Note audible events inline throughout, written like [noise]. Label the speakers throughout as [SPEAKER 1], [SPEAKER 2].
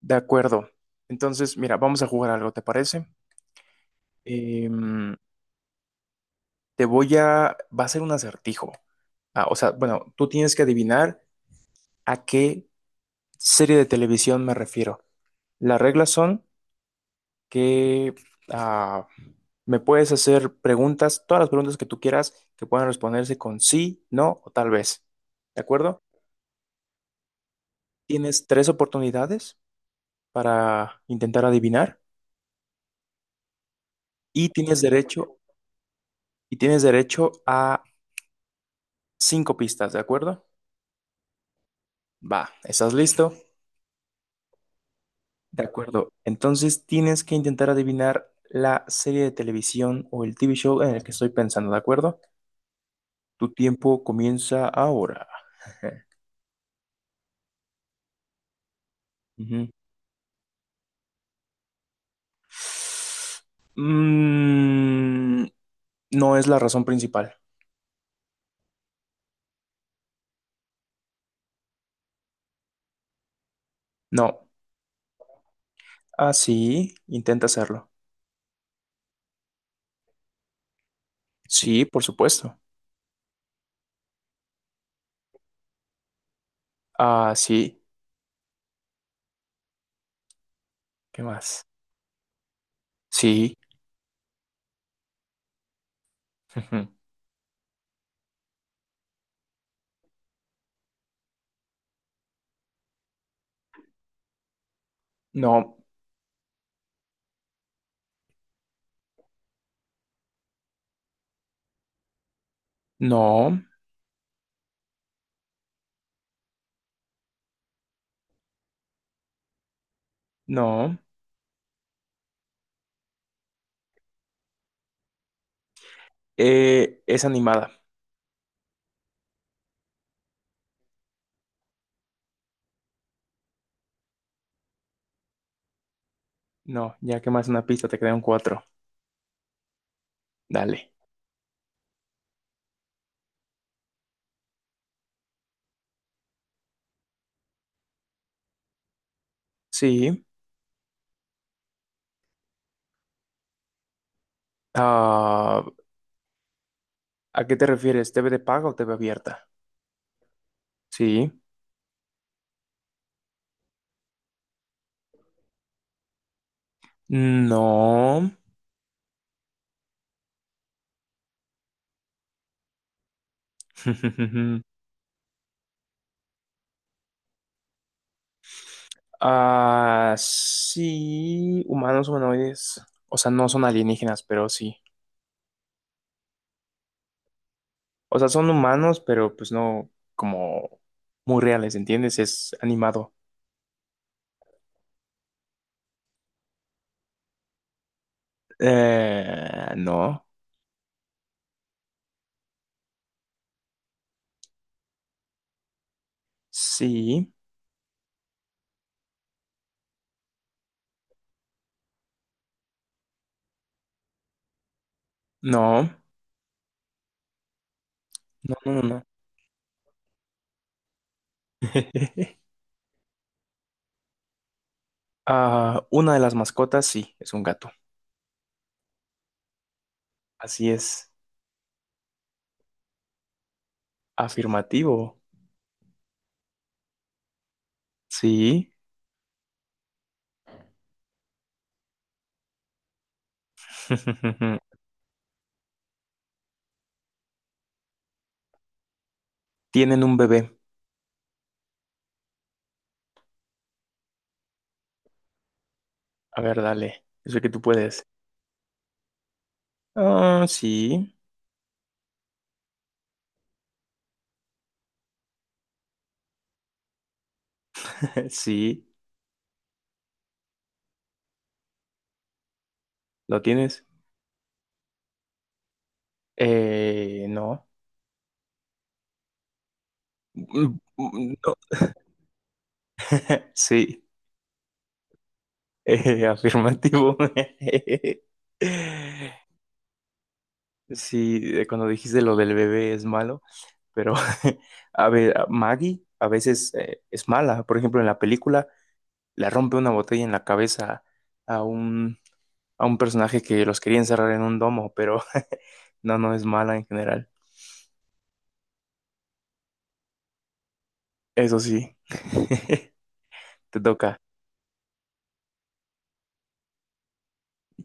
[SPEAKER 1] De acuerdo. Entonces, mira, vamos a jugar algo, ¿te parece? Em, Te voy a... Va a ser un acertijo. Tú tienes que adivinar a qué serie de televisión me refiero. Las reglas son que ah, me puedes hacer preguntas, todas las preguntas que tú quieras, que puedan responderse con sí, no o tal vez. ¿De acuerdo? Tienes 3 oportunidades para intentar adivinar y tienes derecho, y tienes derecho a 5 pistas, ¿de acuerdo? Va, ¿estás listo? De acuerdo. Entonces tienes que intentar adivinar la serie de televisión o el TV show en el que estoy pensando, ¿de acuerdo? Tu tiempo comienza ahora. Ujú. Mm, no es la razón principal. No. Ah, sí, intenta hacerlo. Sí, por supuesto. Ah, sí. ¿Qué más? Sí. [laughs] Ujú. No, no, no. Es animada. No, ya que más una pista, te quedan 4. Dale. Sí. Ah, ¿a qué te refieres? ¿TV de paga o TV abierta? Sí. No. [laughs] Ah, sí. Humanos humanoides. O sea, no son alienígenas, pero sí. O sea, son humanos, pero pues no como muy reales, ¿entiendes? Es animado. No. Sí. No. No, no, no, no. [laughs] Ah, una de las mascotas, sí, es un gato. Así es. Afirmativo. Sí. [laughs] Tienen un bebé. A ver, dale. Yo sé que tú puedes. Ah, sí. [laughs] Sí. ¿Lo tienes? No. Mm, mm, no. [laughs] Sí. Afirmativo. [laughs] Sí, cuando dijiste lo del bebé es malo, pero [laughs] a ver, a Maggie a veces es mala. Por ejemplo, en la película le rompe una botella en la cabeza a un a un personaje que los quería encerrar en un domo, pero [laughs] no, no es mala en general. Eso sí, [laughs] te toca.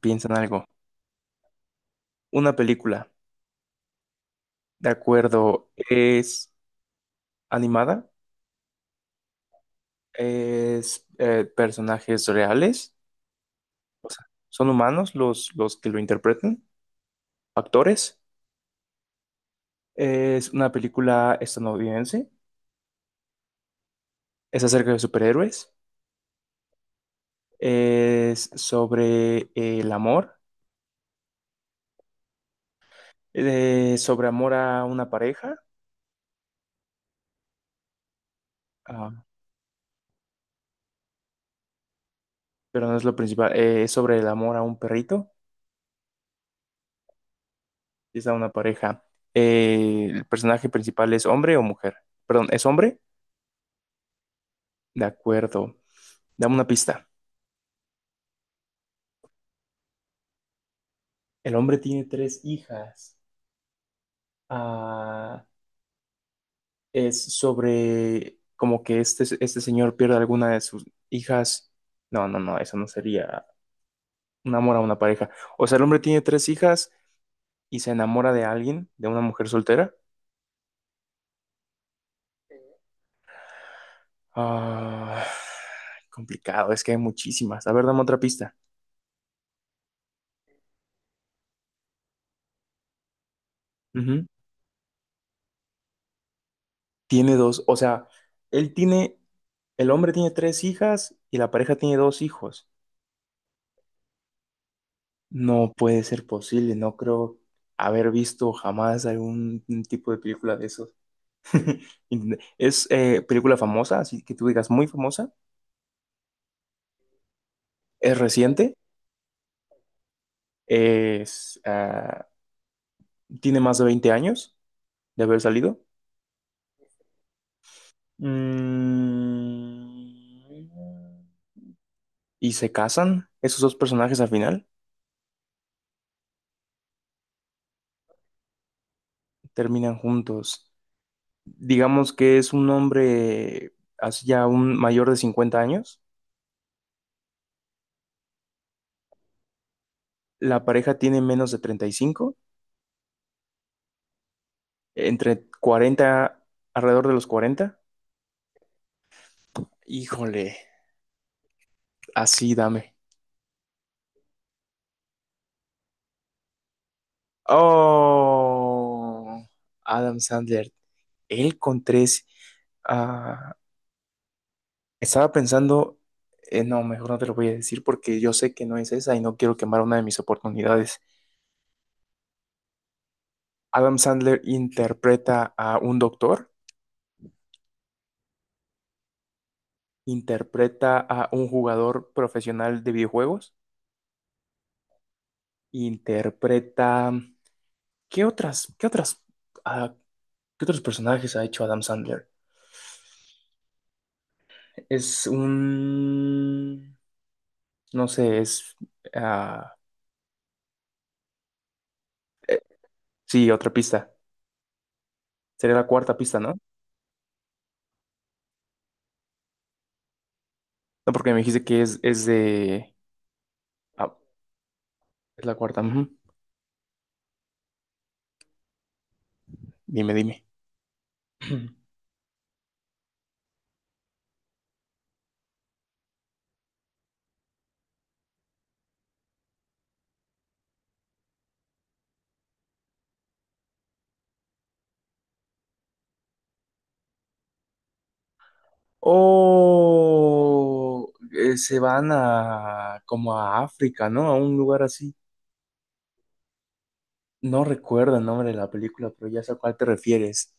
[SPEAKER 1] Piensa en algo. Una película, de acuerdo, es animada, es personajes reales, o sea, son humanos los que lo interpretan, actores. Es una película estadounidense, es acerca de superhéroes, es sobre el amor, sobre amor a una pareja. Ah, pero no es lo principal. Es sobre el amor a un perrito. Y es a una pareja. ¿El personaje principal es hombre o mujer? Perdón, ¿es hombre? De acuerdo. Dame una pista. El hombre tiene 3 hijas. Ah, es sobre como que este señor pierde alguna de sus hijas. No, no, no, eso no sería un amor a una pareja. O sea, el hombre tiene tres hijas y se enamora de alguien, de una mujer soltera. Ah, complicado, es que hay muchísimas. A ver, dame otra pista. Ujú. Tiene dos, o sea, él tiene, el hombre tiene tres hijas y la pareja tiene 2 hijos. No puede ser posible, no creo haber visto jamás algún tipo de película de esos. ¿Es película famosa, así que tú digas muy famosa? ¿Es reciente? ¿Es, tiene más de 20 años de haber salido? Mm. ¿Y se casan esos dos personajes al final? ¿Terminan juntos? Digamos que es un hombre así ya un mayor de 50 años, la pareja tiene menos de 35, entre 40, alrededor de los 40. Híjole, así dame. Oh, Adam Sandler, él con tres. Ah, estaba pensando, no, mejor no te lo voy a decir porque yo sé que no es esa y no quiero quemar una de mis oportunidades. ¿Adam Sandler interpreta a un doctor? ¿Interpreta a un jugador profesional de videojuegos? Interpreta. ¿Qué otras, ah, qué otros personajes ha hecho Adam Sandler? Es un. No sé, es. ah, sí, otra pista. Sería la cuarta pista, ¿no? No, porque me dijiste que es de. ah, es la cuarta. Ujú. Dime, dime. [clears throat] Oh, se van a como a África, ¿no? A un lugar así. No recuerdo el nombre de la película, pero ya sé a cuál te refieres.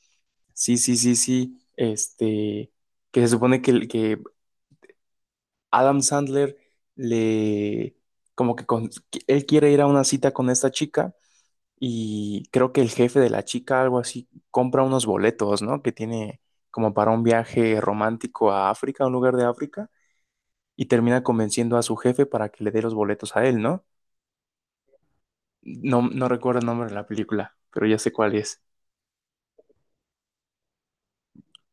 [SPEAKER 1] Sí, sí, sí, sí. Este, que se supone que Adam Sandler le, como que él quiere ir a una cita con esta chica y creo que el jefe de la chica, algo así, compra unos boletos, ¿no? Que tiene como para un viaje romántico a África, a un lugar de África, y termina convenciendo a su jefe para que le dé los boletos a él, ¿no? No, no recuerdo el nombre de la película, pero ya sé cuál es.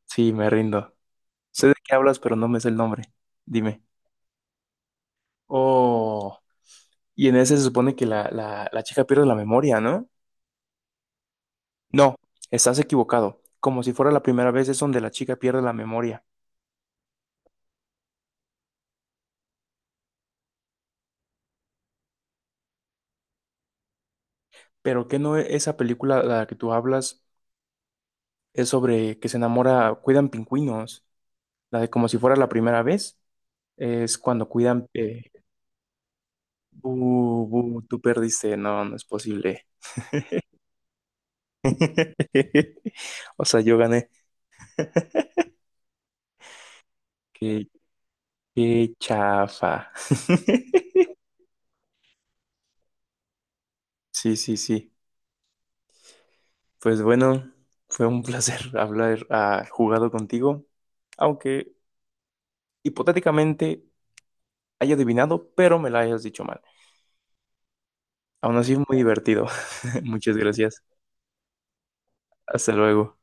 [SPEAKER 1] Sí, me rindo. Sé de qué hablas, pero no me sé el nombre. Dime. Oh, y en ese se supone que la chica pierde la memoria, ¿no? No, estás equivocado. Como si fuera la primera vez es donde la chica pierde la memoria. Pero que no esa película de la que tú hablas es sobre que se enamora, cuidan pingüinos. La de como si fuera la primera vez es cuando cuidan... "Bu, bu, tú perdiste, no, no es posible. [laughs] O sea, yo gané. [laughs] Qué, qué chafa. [laughs] Sí, sí, sí. Pues bueno, fue un placer [laughs] hablar, jugado contigo, aunque hipotéticamente haya adivinado, pero me la hayas dicho mal. Aún así, muy divertido. [laughs] Muchas gracias. Hasta luego.